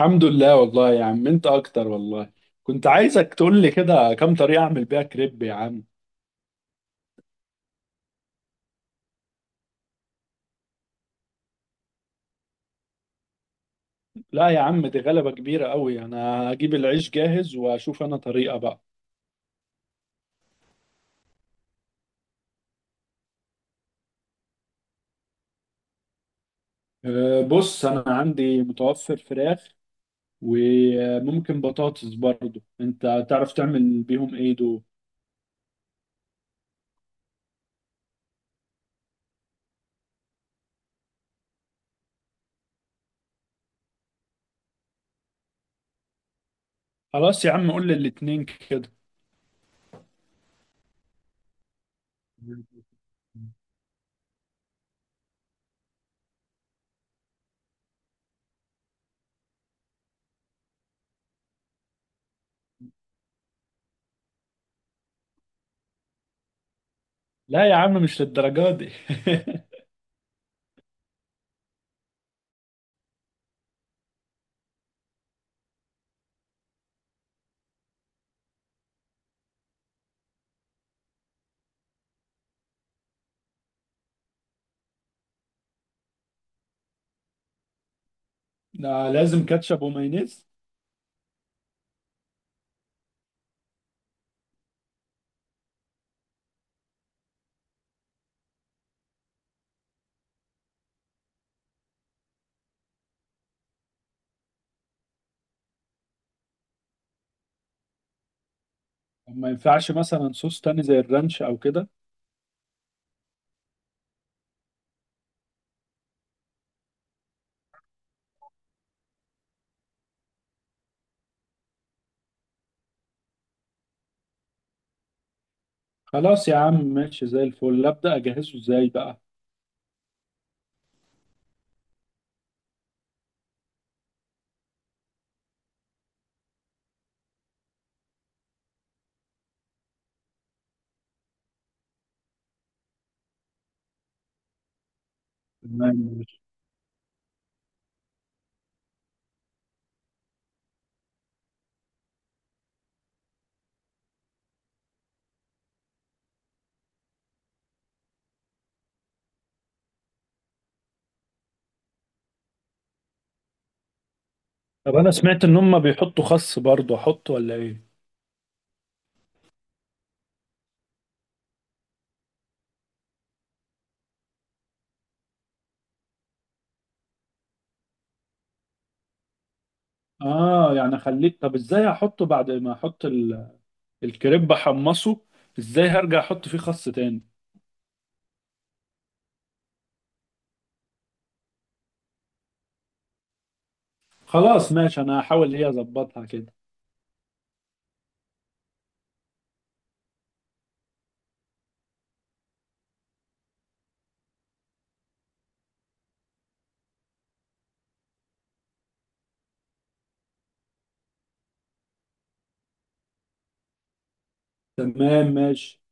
الحمد لله والله يا عم، انت اكتر والله. كنت عايزك تقول لي كده كام طريقة اعمل بيها كريب يا عم. لا يا عم، دي غلبة كبيرة قوي. انا هجيب العيش جاهز واشوف انا طريقة بقى. بص انا عندي متوفر فراخ، وممكن بطاطس برضو، انت تعرف تعمل بيهم ايه دول؟ خلاص يا عم، قول لي الاتنين كده. لا يا عم، مش للدرجة دي. ده لازم كاتشب ومايونيز؟ ما ينفعش مثلا صوص تاني زي الرانش او كده؟ خلاص يا عم، ماشي زي الفل. ابدا اجهزه ازاي بقى؟ تمام ماشي. طب انا سمعت ان هم بيحطوا خس برضه، احط ولا ايه؟ اه يعني خليك. طب ازاي احطه بعد ما احط الكريب احمصه؟ ازاي هرجع احط فيه خس تاني؟ خلاص ماشي، انا هحاول هي اظبطها كده. تمام ماشي.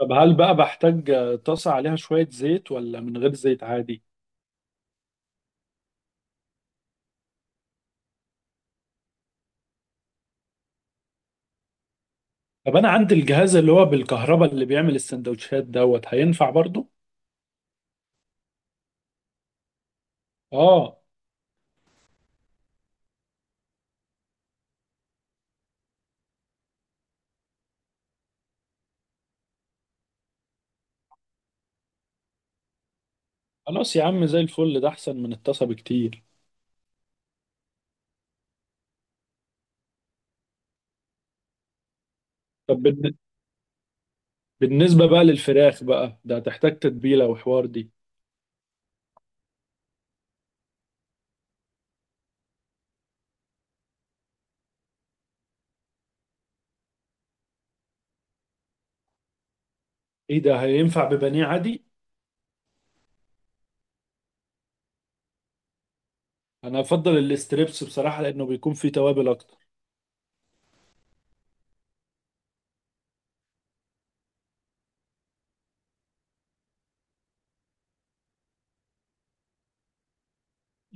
طب هل بقى بحتاج طاسة عليها شوية زيت ولا من غير زيت عادي؟ طب انا عندي الجهاز اللي هو بالكهرباء اللي بيعمل السندوتشات دوت، هينفع برضه؟ اه. خلاص يا عم، زي الفل. ده احسن من الطاسه بكتير. طب بالنسبه بقى للفراخ بقى، ده هتحتاج تتبيله وحوار دي؟ ايه ده، هينفع ببانيه عادي؟ انا افضل الاستريبس بصراحه لانه بيكون فيه توابل اكتر.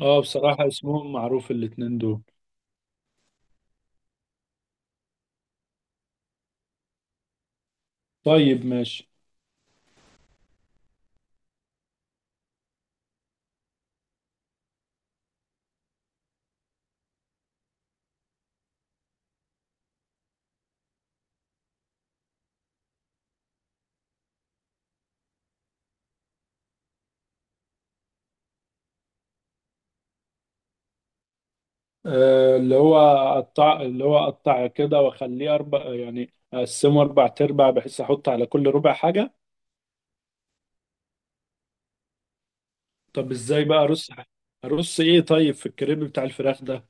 اه بصراحه، اسمهم معروف الاتنين دول. طيب ماشي. آه اللي هو اقطع كده واخليه اربع، يعني اقسمه اربع ارباع بحيث احط على كل ربع حاجه. طب ازاي بقى ارص؟ ارص ايه؟ طيب في الكريب بتاع الفراخ ده.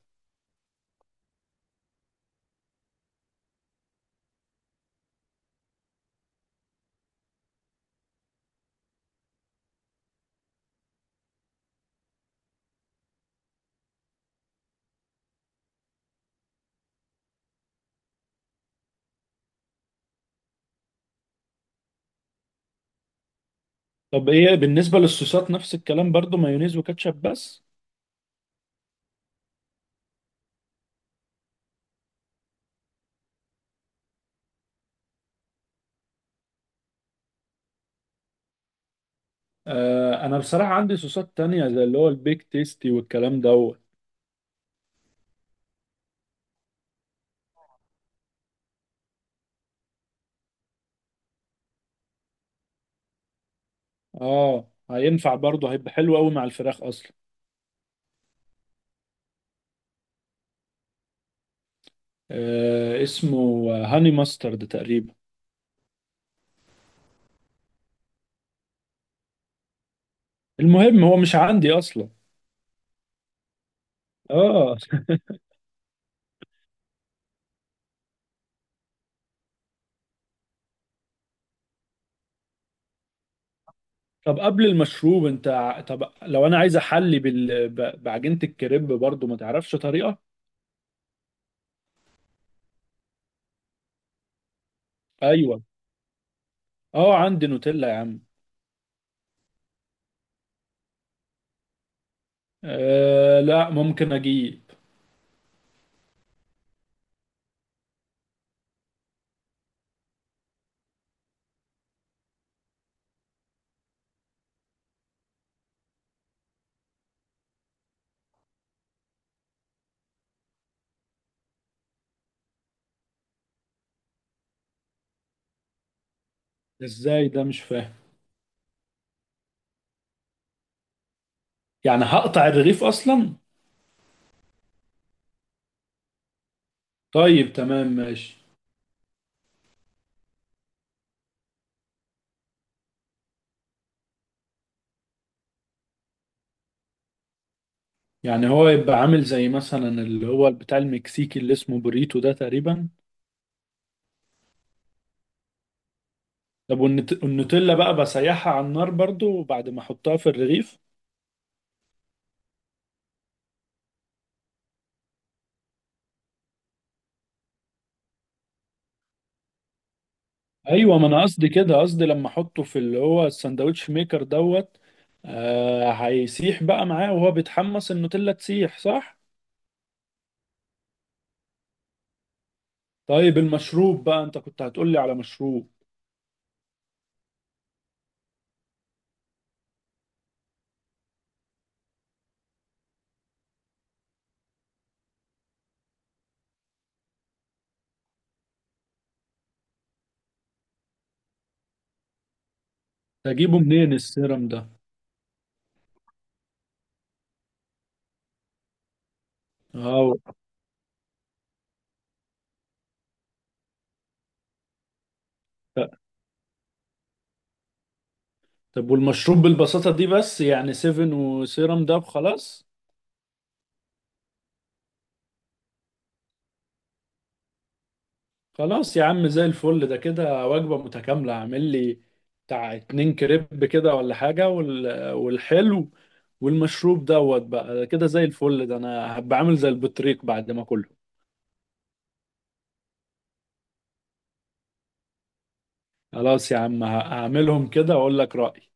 طب ايه بالنسبة للصوصات؟ نفس الكلام برضو، مايونيز وكاتشب بس؟ آه انا بصراحة عندي صوصات تانية زي اللي هو البيك تيستي والكلام دوت. اه هينفع برضو، هيبقى حلو قوي مع الفراخ اصلا. آه اسمه هاني ماسترد تقريبا. المهم هو مش عندي اصلا. اه. طب قبل المشروب طب لو انا عايز احلي بعجينة الكريب برضو، ما تعرفش طريقة؟ ايوه. اه عندي نوتيلا يا عم. آه، لا ممكن اجيب. ازاي ده؟ مش فاهم. يعني هقطع الرغيف اصلا؟ طيب تمام ماشي. يعني هو يبقى عامل زي مثلا اللي هو بتاع المكسيكي اللي اسمه بوريتو ده تقريبا؟ طب والنوتيلا بقى، بسيحها على النار برضو بعد ما احطها في الرغيف؟ ايوه، ما انا قصدي كده، قصدي لما احطه في اللي هو الساندوتش ميكر دوت. آه هيسيح بقى معاه وهو بيتحمس، النوتيلا تسيح صح؟ طيب المشروب بقى، انت كنت هتقولي على مشروب. تجيبه منين السيرم ده؟ اه. طب والمشروب بالبساطة دي بس؟ يعني سيفن وسيرم ده خلاص؟ خلاص يا عم، زي الفل. ده كده وجبة متكاملة. اعمل لي بتاع اتنين كريب كده ولا حاجة والحلو والمشروب دوت بقى. ده كده زي الفل. ده انا هبقى عامل زي البطريق بعد ما كله. خلاص يا عم، هعملهم كده واقول لك رأيي.